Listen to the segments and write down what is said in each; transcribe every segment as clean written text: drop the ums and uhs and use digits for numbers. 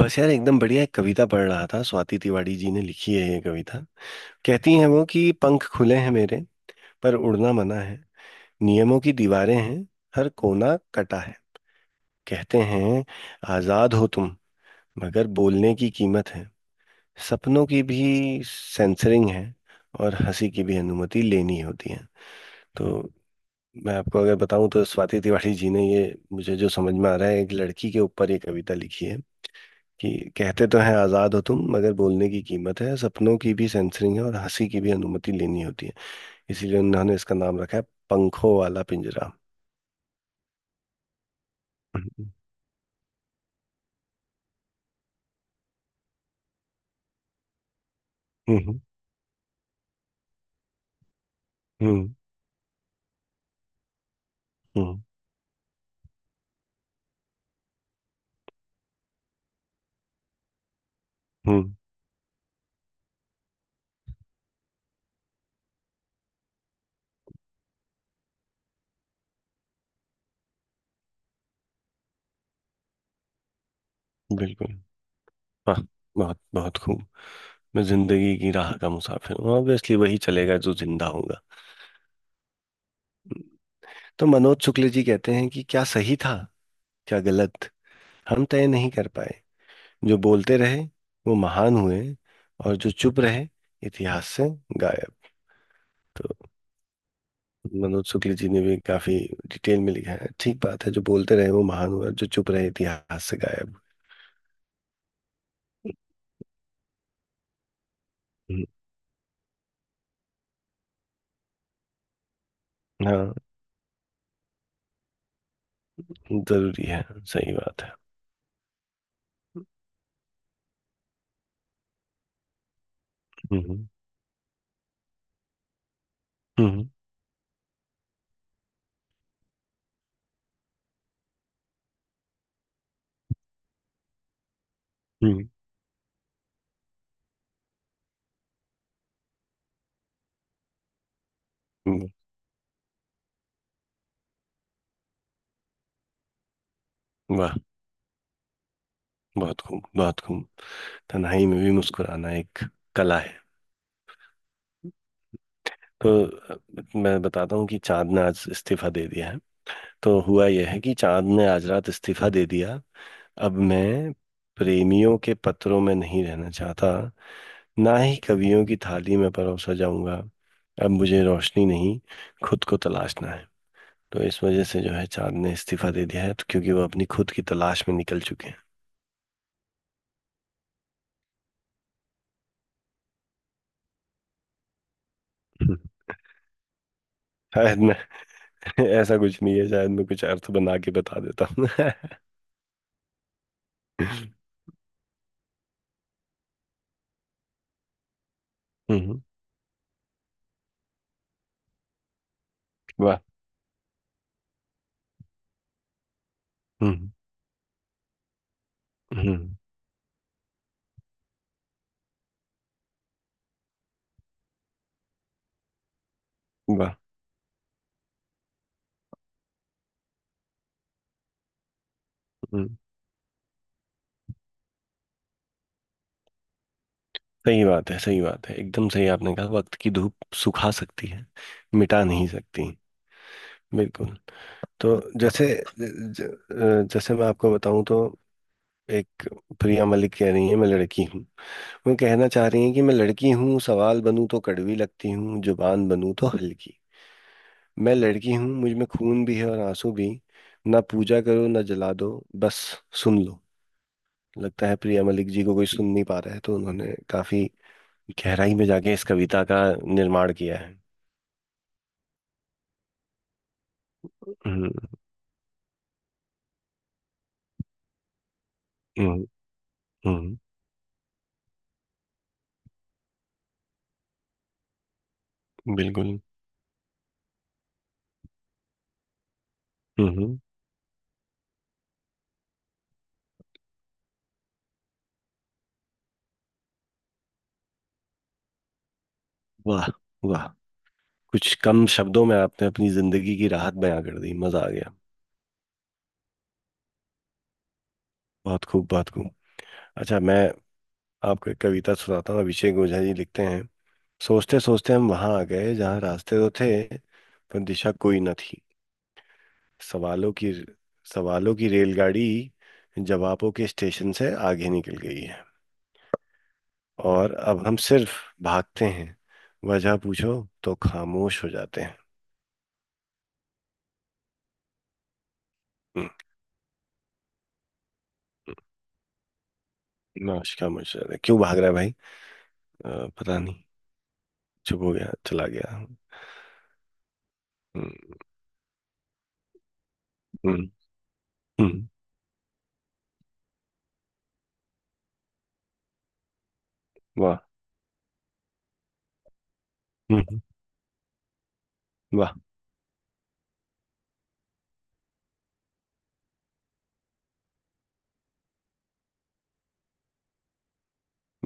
बस यार एकदम बढ़िया एक कविता पढ़ रहा था। स्वाति तिवारी जी ने लिखी है ये कविता। कहती हैं वो कि पंख खुले हैं मेरे, पर उड़ना मना है। नियमों की दीवारें हैं, हर कोना कटा है। कहते हैं आजाद हो तुम, मगर बोलने की कीमत है, सपनों की भी सेंसरिंग है, और हंसी की भी अनुमति लेनी होती है। तो मैं आपको अगर बताऊं तो स्वाति तिवारी जी ने ये, मुझे जो समझ में आ रहा है, एक लड़की के ऊपर ये कविता लिखी है कि कहते तो हैं आजाद हो तुम मगर बोलने की कीमत है, सपनों की भी सेंसरिंग है, और हंसी की भी अनुमति लेनी होती है। इसीलिए उन्होंने इसका नाम रखा है पंखों वाला पिंजरा। हम्म। हम्म। हम्म। हम्म। हम्म। बिल्कुल। वाह। बहुत बहुत खूब। मैं जिंदगी की राह का मुसाफिर हूँ, ऑब्वियसली वही चलेगा जो जिंदा होगा। तो मनोज शुक्ल जी कहते हैं कि क्या सही था, क्या गलत, हम तय नहीं कर पाए। जो बोलते रहे वो महान हुए, और जो चुप रहे इतिहास से गायब। तो मनोज शुक्ल जी ने भी काफी डिटेल में लिखा है। ठीक बात है, जो बोलते रहे वो महान हुआ, जो चुप रहे इतिहास से गायब। हम्म। हाँ, जरूरी है। सही बात है। हम्म। हम्म। हम्म। हम्म। वाह। बहुत खूब बहुत खूब। तन्हाई में भी मुस्कुराना एक कला है। तो मैं बताता हूँ कि चांद ने आज इस्तीफा दे दिया है। तो हुआ यह है कि चांद ने आज रात इस्तीफा दे दिया। अब मैं प्रेमियों के पत्रों में नहीं रहना चाहता, ना ही कवियों की थाली में परोसा जाऊंगा। अब मुझे रोशनी नहीं, खुद को तलाशना है। तो इस वजह से जो है, चांद ने इस्तीफा दे दिया है, तो क्योंकि वो अपनी खुद की तलाश में निकल चुके हैं। हम्म। शायद मैं ऐसा कुछ नहीं है, शायद मैं कुछ अर्थ बना के बता देता हूँ हम्म। वाह। हम्म। हम्म। वाह। हम्म। सही बात है, सही बात है, एकदम सही आपने कहा, वक्त की धूप सुखा सकती है, मिटा नहीं सकती। बिल्कुल। तो जैसे ज, ज- जैसे मैं आपको बताऊं तो एक, प्रिया मलिक कह रही हैं मैं लड़की हूँ। वो कहना चाह रही हैं कि मैं लड़की हूँ, सवाल बनूं तो कड़वी लगती हूँ, जुबान बनूं तो हल्की। मैं लड़की हूँ, मुझ में खून भी है और आंसू भी। ना पूजा करो, ना जला दो, बस सुन लो। लगता है प्रिया मलिक जी को कोई सुन नहीं पा रहा है, तो उन्होंने काफी गहराई में जाके इस कविता का निर्माण किया है। हम्म। हम्म। हम्म। बिल्कुल। हम्म। वाह। वाह। कुछ कम शब्दों में आपने अपनी जिंदगी की राहत बयां कर दी, मजा आ गया। बहुत खूब बहुत खूब। अच्छा, मैं आपको एक कविता सुनाता हूँ। अभिषेक ओझा जी लिखते हैं, सोचते सोचते हम वहां आ गए जहाँ रास्ते तो थे, पर दिशा कोई न थी। सवालों की सवालों की रेलगाड़ी जवाबों के स्टेशन से आगे निकल गई है, और अब हम सिर्फ भागते हैं। वजह पूछो तो खामोश हो जाते हैं। हम्म। नाश, खामोश हो जाते हैं, क्यों भाग रहा है भाई? पता नहीं, चुप हो गया, चला गया। हम्म। हम्म। हम्म। वाह। हम्म। वाह।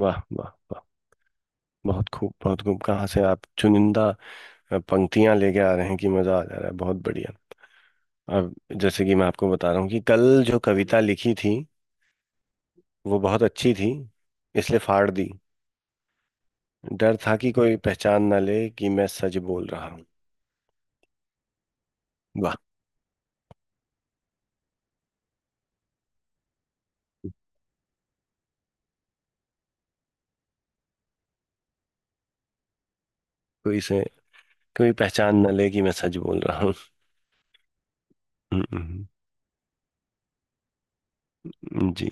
वाह। वाह। वाह। बहुत खूब बहुत खूब। कहाँ से आप चुनिंदा पंक्तियां लेके आ रहे हैं कि मजा आ जा रहा है? बहुत बढ़िया। अब जैसे कि मैं आपको बता रहा हूँ कि कल जो कविता लिखी थी वो बहुत अच्छी थी, इसलिए फाड़ दी। डर था कि कोई पहचान ना ले कि मैं सच बोल रहा हूँ। वाह। कोई से, कोई पहचान ना ले कि मैं सच बोल रहा हूँ। हम्म। हम्म। हम्म। जी।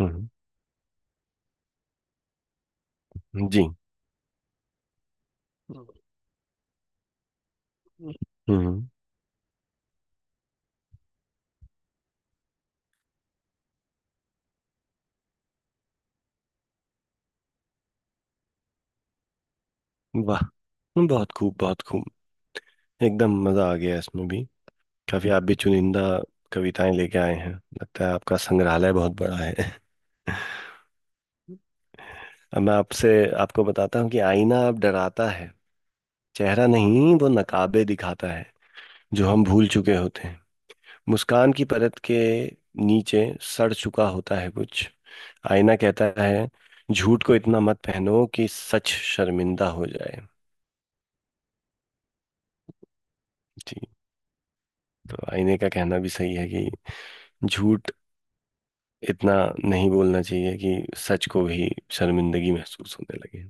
हम्म। जी। हम्म। वाह। बहुत खूब बहुत खूब। एकदम मजा आ गया इसमें भी। काफी आप भी चुनिंदा कविताएं लेके आए हैं, लगता है आपका संग्रहालय बहुत बड़ा है। अब मैं आपसे, आपको बताता हूँ कि आईना अब डराता है। चेहरा नहीं, वो नकाबे दिखाता है जो हम भूल चुके होते हैं। मुस्कान की परत के नीचे सड़ चुका होता है कुछ। आईना कहता है झूठ को इतना मत पहनो कि सच शर्मिंदा हो जाए। ठीक, तो आईने का कहना भी सही है कि झूठ इतना नहीं बोलना चाहिए कि सच को भी शर्मिंदगी महसूस होने लगे।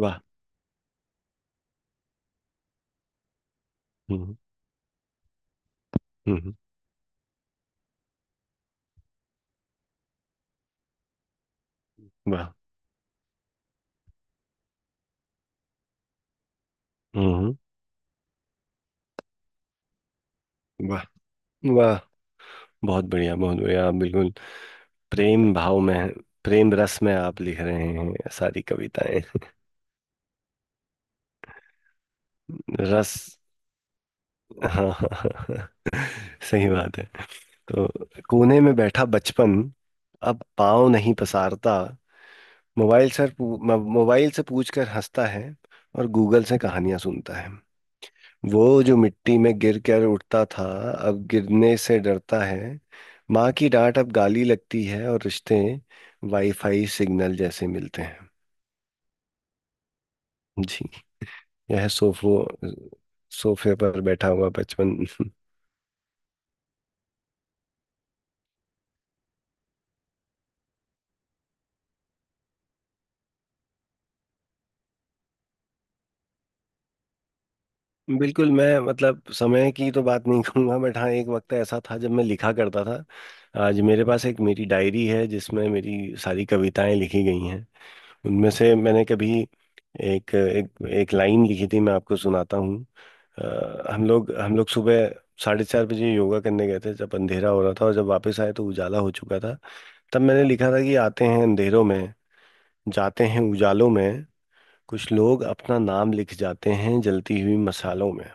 वाह। हम्म। हम्म। हम्म। वाह। हम्म। हम्म। वाह। वाह। बहुत बढ़िया बहुत बढ़िया। आप बिल्कुल प्रेम भाव में, प्रेम रस में आप लिख रहे हैं सारी कविताएं। रस, हाँ हाँ हाँ। हाँ, सही बात है। तो कोने में बैठा बचपन अब पाँव नहीं पसारता, मोबाइल सर पू- मोबाइल से पूछ कर हंसता है, और गूगल से कहानियां सुनता है। वो जो मिट्टी में गिर कर उठता था अब गिरने से डरता है। माँ की डांट अब गाली लगती है, और रिश्ते वाईफाई सिग्नल जैसे मिलते हैं। जी। यह सोफो सोफे पर बैठा हुआ बचपन। बिल्कुल, मैं मतलब समय की तो बात नहीं कहूंगा, बट हाँ एक वक्त ऐसा था जब मैं लिखा करता था। आज मेरे पास एक मेरी डायरी है जिसमें मेरी सारी कविताएं लिखी गई हैं। उनमें से मैंने कभी एक एक एक लाइन लिखी थी, मैं आपको सुनाता हूँ। हम लोग सुबह 4:30 बजे योगा करने गए थे जब अंधेरा हो रहा था, और जब वापस आए तो उजाला हो चुका था। तब मैंने लिखा था कि आते हैं अंधेरों में, जाते हैं उजालों में, कुछ लोग अपना नाम लिख जाते हैं जलती हुई मशालों में।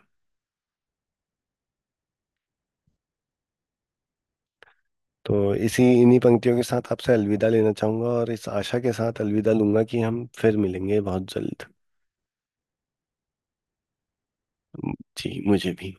तो इसी इन्हीं पंक्तियों के साथ आपसे अलविदा लेना चाहूंगा, और इस आशा के साथ अलविदा लूंगा कि हम फिर मिलेंगे बहुत जल्द। जी, मुझे भी।